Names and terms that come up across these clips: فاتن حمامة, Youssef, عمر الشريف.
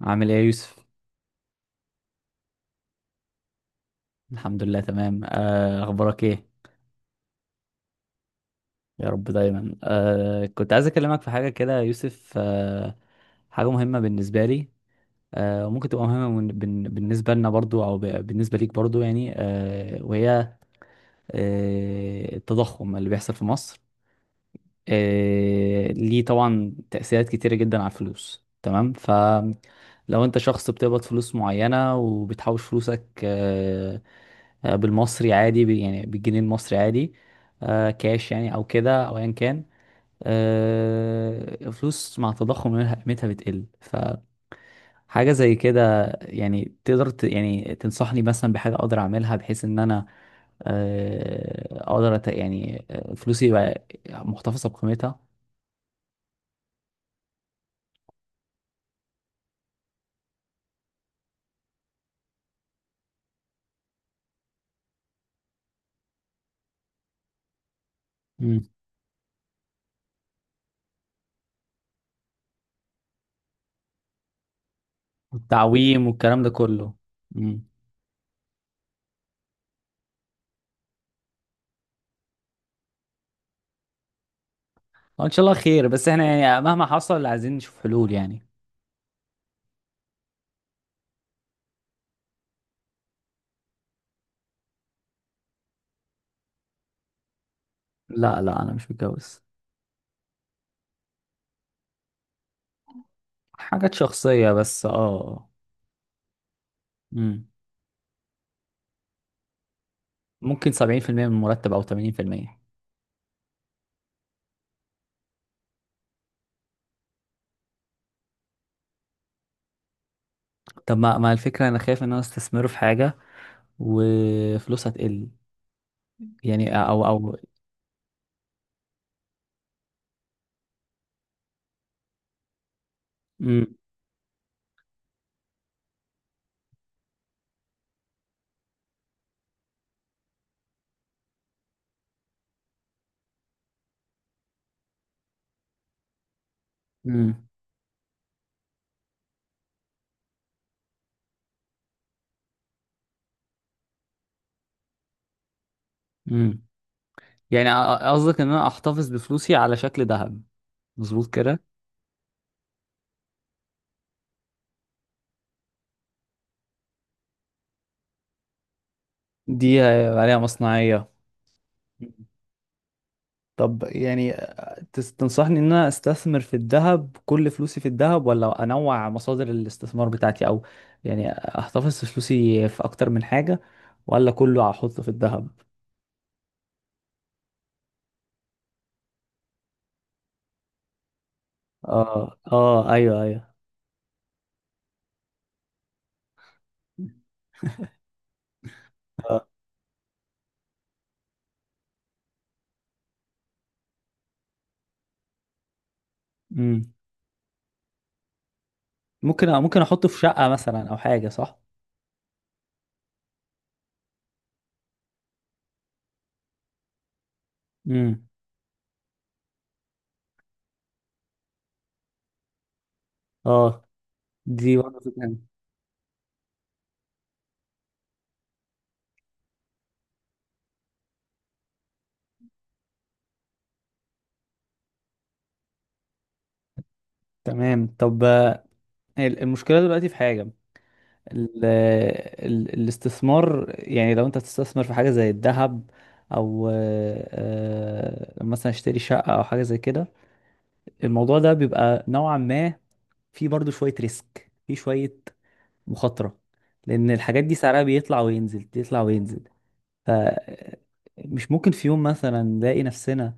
عامل ايه يا يوسف؟ الحمد لله تمام. اخبارك ايه؟ يا رب دايما. كنت عايز اكلمك في حاجه كده يا يوسف، حاجه مهمه بالنسبه لي، وممكن تبقى مهمه بالنسبه لنا برضو او بالنسبه ليك برضو يعني، وهي التضخم اللي بيحصل في مصر. ليه طبعا تأثيرات كتيرة جدا على الفلوس. تمام، فلو انت شخص بتقبض فلوس معينة وبتحوش فلوسك، بالمصري عادي، يعني بالجنيه المصري عادي، كاش يعني او كده او ايا كان، فلوس مع تضخم قيمتها بتقل. فحاجة زي كده يعني، تقدر يعني تنصحني مثلا بحاجة اقدر اعملها بحيث ان انا اقدر يعني فلوسي يبقى محتفظة بقيمتها؟ التعويم والكلام ده كله. امم. ان شاء الله خير، بس احنا يعني مهما حصل عايزين نشوف حلول يعني. لا، لا انا مش متجوز. حاجات شخصية بس، اه. امم. ممكن 70% من المرتب او 80%. طب ما الفكرة، انا خايف ان انا استثمره في حاجة وفلوسها تقل، يعني او. امم. امم. امم، يعني قصدك ان انا احتفظ بفلوسي على شكل ذهب؟ مظبوط كده؟ دي عليها مصنعية. طب يعني، تنصحني ان انا استثمر في الذهب، كل فلوسي في الذهب، ولا انوع مصادر الاستثمار بتاعتي، او يعني احتفظ في فلوسي في اكتر من حاجة، ولا كله احطه في الذهب؟ اه اه، ايوه ايوه. امم. ممكن، ممكن احطه في شقة مثلا او حاجة، صح. امم. اه، دي برضه فكرة. تمام. طب، المشكلة دلوقتي في حاجة، الاستثمار يعني، لو انت تستثمر في حاجة زي الذهب او مثلا اشتري شقة او حاجة زي كده، الموضوع ده بيبقى نوعا ما فيه برضو شوية ريسك، فيه شوية مخاطرة، لان الحاجات دي سعرها بيطلع وينزل، يطلع وينزل. ف مش ممكن في يوم مثلا نلاقي نفسنا،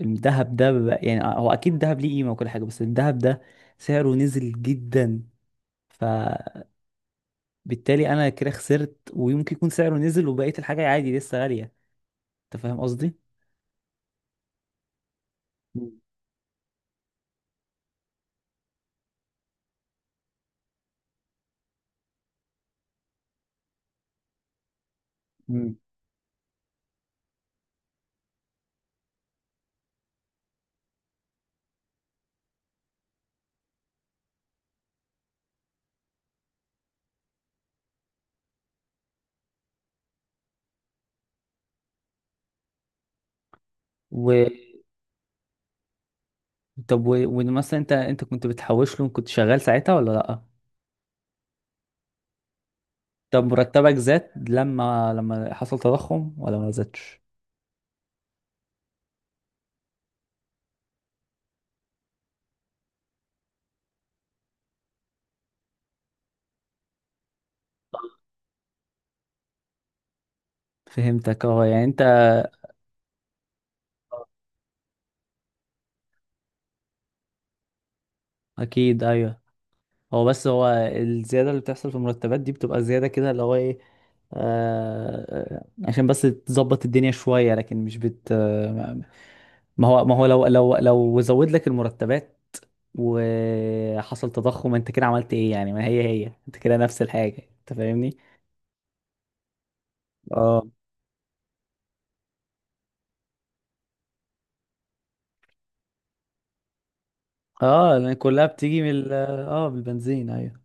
الذهب ده بقى، يعني هو اكيد الذهب ليه قيمة وكل حاجة، بس الذهب ده سعره نزل جدا، بالتالي انا كده خسرت. ويمكن يكون سعره نزل وبقيت الحاجه عادي لسه غاليه. انت فاهم قصدي؟ مم. مم. و... طب و... ومثلا انت، كنت بتحوش له، كنت شغال ساعتها ولا لا؟ طب مرتبك زاد لما حصل تضخم ولا ما زادش؟ فهمتك، اه، يعني انت اكيد، ايوه. هو بس، هو الزياده اللي بتحصل في المرتبات دي بتبقى زياده كده اللي هو ايه، آه... عشان بس تظبط الدنيا شويه، لكن مش بت ما هو، لو زود لك المرتبات وحصل تضخم، انت كده عملت ايه يعني؟ ما هي هي، انت كده نفس الحاجة. انت فاهمني؟ اه، اه لان كلها بتيجي من اه بالبنزين، ايوه.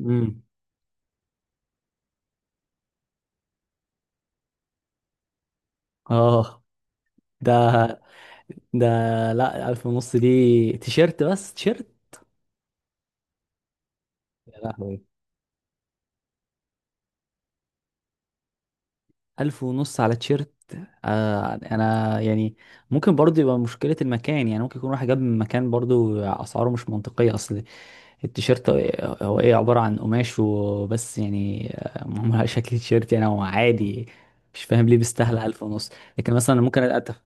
امم. اه، ده ده، لا، الف ونص دي تيشيرت، بس تيشيرت. يا لهوي. ألف ونص على تيشيرت؟ آه أنا يعني، ممكن برضه يبقى مشكلة المكان، يعني ممكن يكون واحد جاب من مكان برضه أسعاره مش منطقية. أصل التيشيرت هو إيه؟ عبارة عن قماش وبس يعني، معمول على شكل تيشيرت، يعني هو عادي. مش فاهم ليه بيستاهل ألف ونص. لكن مثلا ممكن أتف...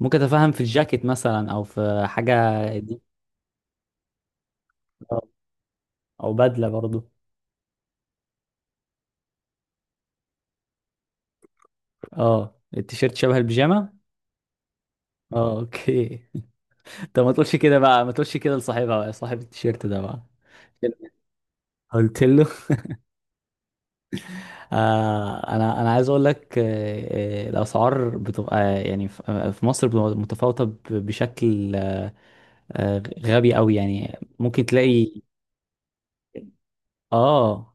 ممكن أتفهم في الجاكيت مثلا أو في حاجة، دي أو بدلة برضه. أه، التيشيرت شبه البيجامة؟ أه، أوكي. طب ما تقولش كده بقى، ما تقولش كده لصاحبها، صاحب التيشيرت ده بقى. قلت له؟ انا عايز اقول لك، الاسعار بتبقى يعني في، في مصر بتبقى متفاوته بشكل آه غبي قوي يعني، ممكن تلاقي اه.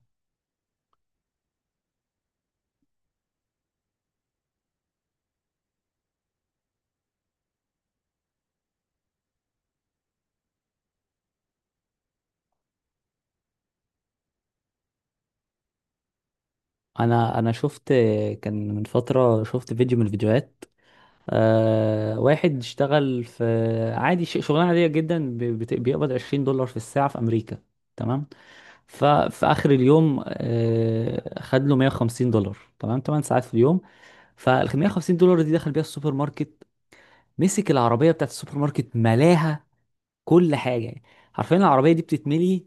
انا شفت، كان من فتره شفت فيديو من الفيديوهات، آه واحد اشتغل في عادي، شغلانه عاديه جدا، بيقبض 20 دولار في الساعه في امريكا، تمام. ففي اخر اليوم آه خد له 150 دولار، تمام، 8 ساعات في اليوم. فال 550 دولار دي دخل بيها السوبر ماركت، مسك العربيه بتاعت السوبر ماركت، ملاها كل حاجه يعني. حرفيا العربيه دي بتتملي.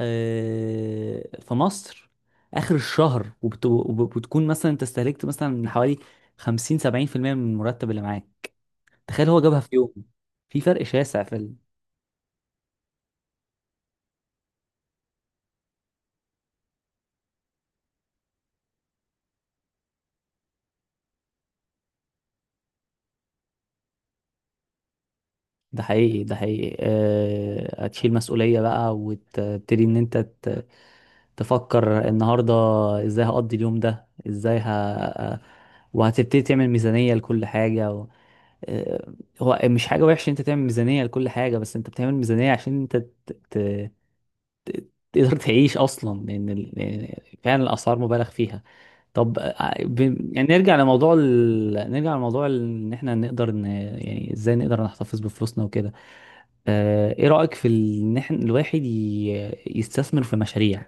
في مصر اخر الشهر، وبتكون مثلا انت استهلكت مثلا من حوالي 50 70% من المرتب اللي معاك. تخيل، هو جابها في يوم! في فرق شاسع في ال... ده حقيقي، ده حقيقي. أه... هتشيل مسؤولية بقى وتبتدي ان انت ت... تفكر النهارده ازاي هقضي اليوم ده، ازاي ه... وهتبتدي تعمل ميزانية لكل حاجة، و... آه، هو مش حاجة وحشة انت تعمل ميزانية لكل حاجة، بس انت بتعمل ميزانية عشان انت ت... ت... تقدر تعيش اصلا، لان لأن فعلا الاسعار مبالغ فيها. طب ب... يعني نرجع لموضوع ال... نرجع لموضوع ان احنا نقدر ن... يعني ازاي نقدر نحتفظ بفلوسنا وكده؟ ايه رأيك في ان احنا الواحد ي... يستثمر في مشاريع؟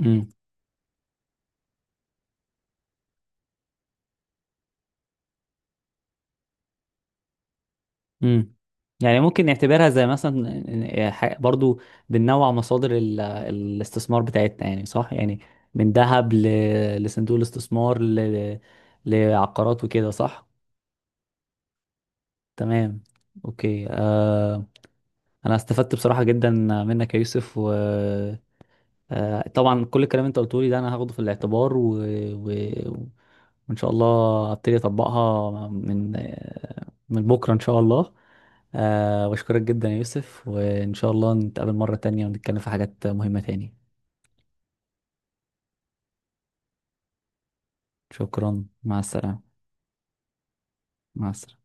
امم. امم. يعني ممكن نعتبرها زي مثلا برضو بننوع مصادر الاستثمار بتاعتنا، يعني صح يعني، من ذهب ل... لصندوق الاستثمار ل... لعقارات وكده، صح. تمام. اوكي. آه... انا استفدت بصراحة جدا منك يا يوسف. طبعا كل الكلام اللي انت قلته لي ده انا هاخده في الاعتبار، و... و... وان شاء الله ابتدي اطبقها من من بكره ان شاء الله. واشكرك جدا يا يوسف، وان شاء الله نتقابل مره تانية ونتكلم في حاجات مهمه تاني. شكرا، مع السلامه. مع السلامه.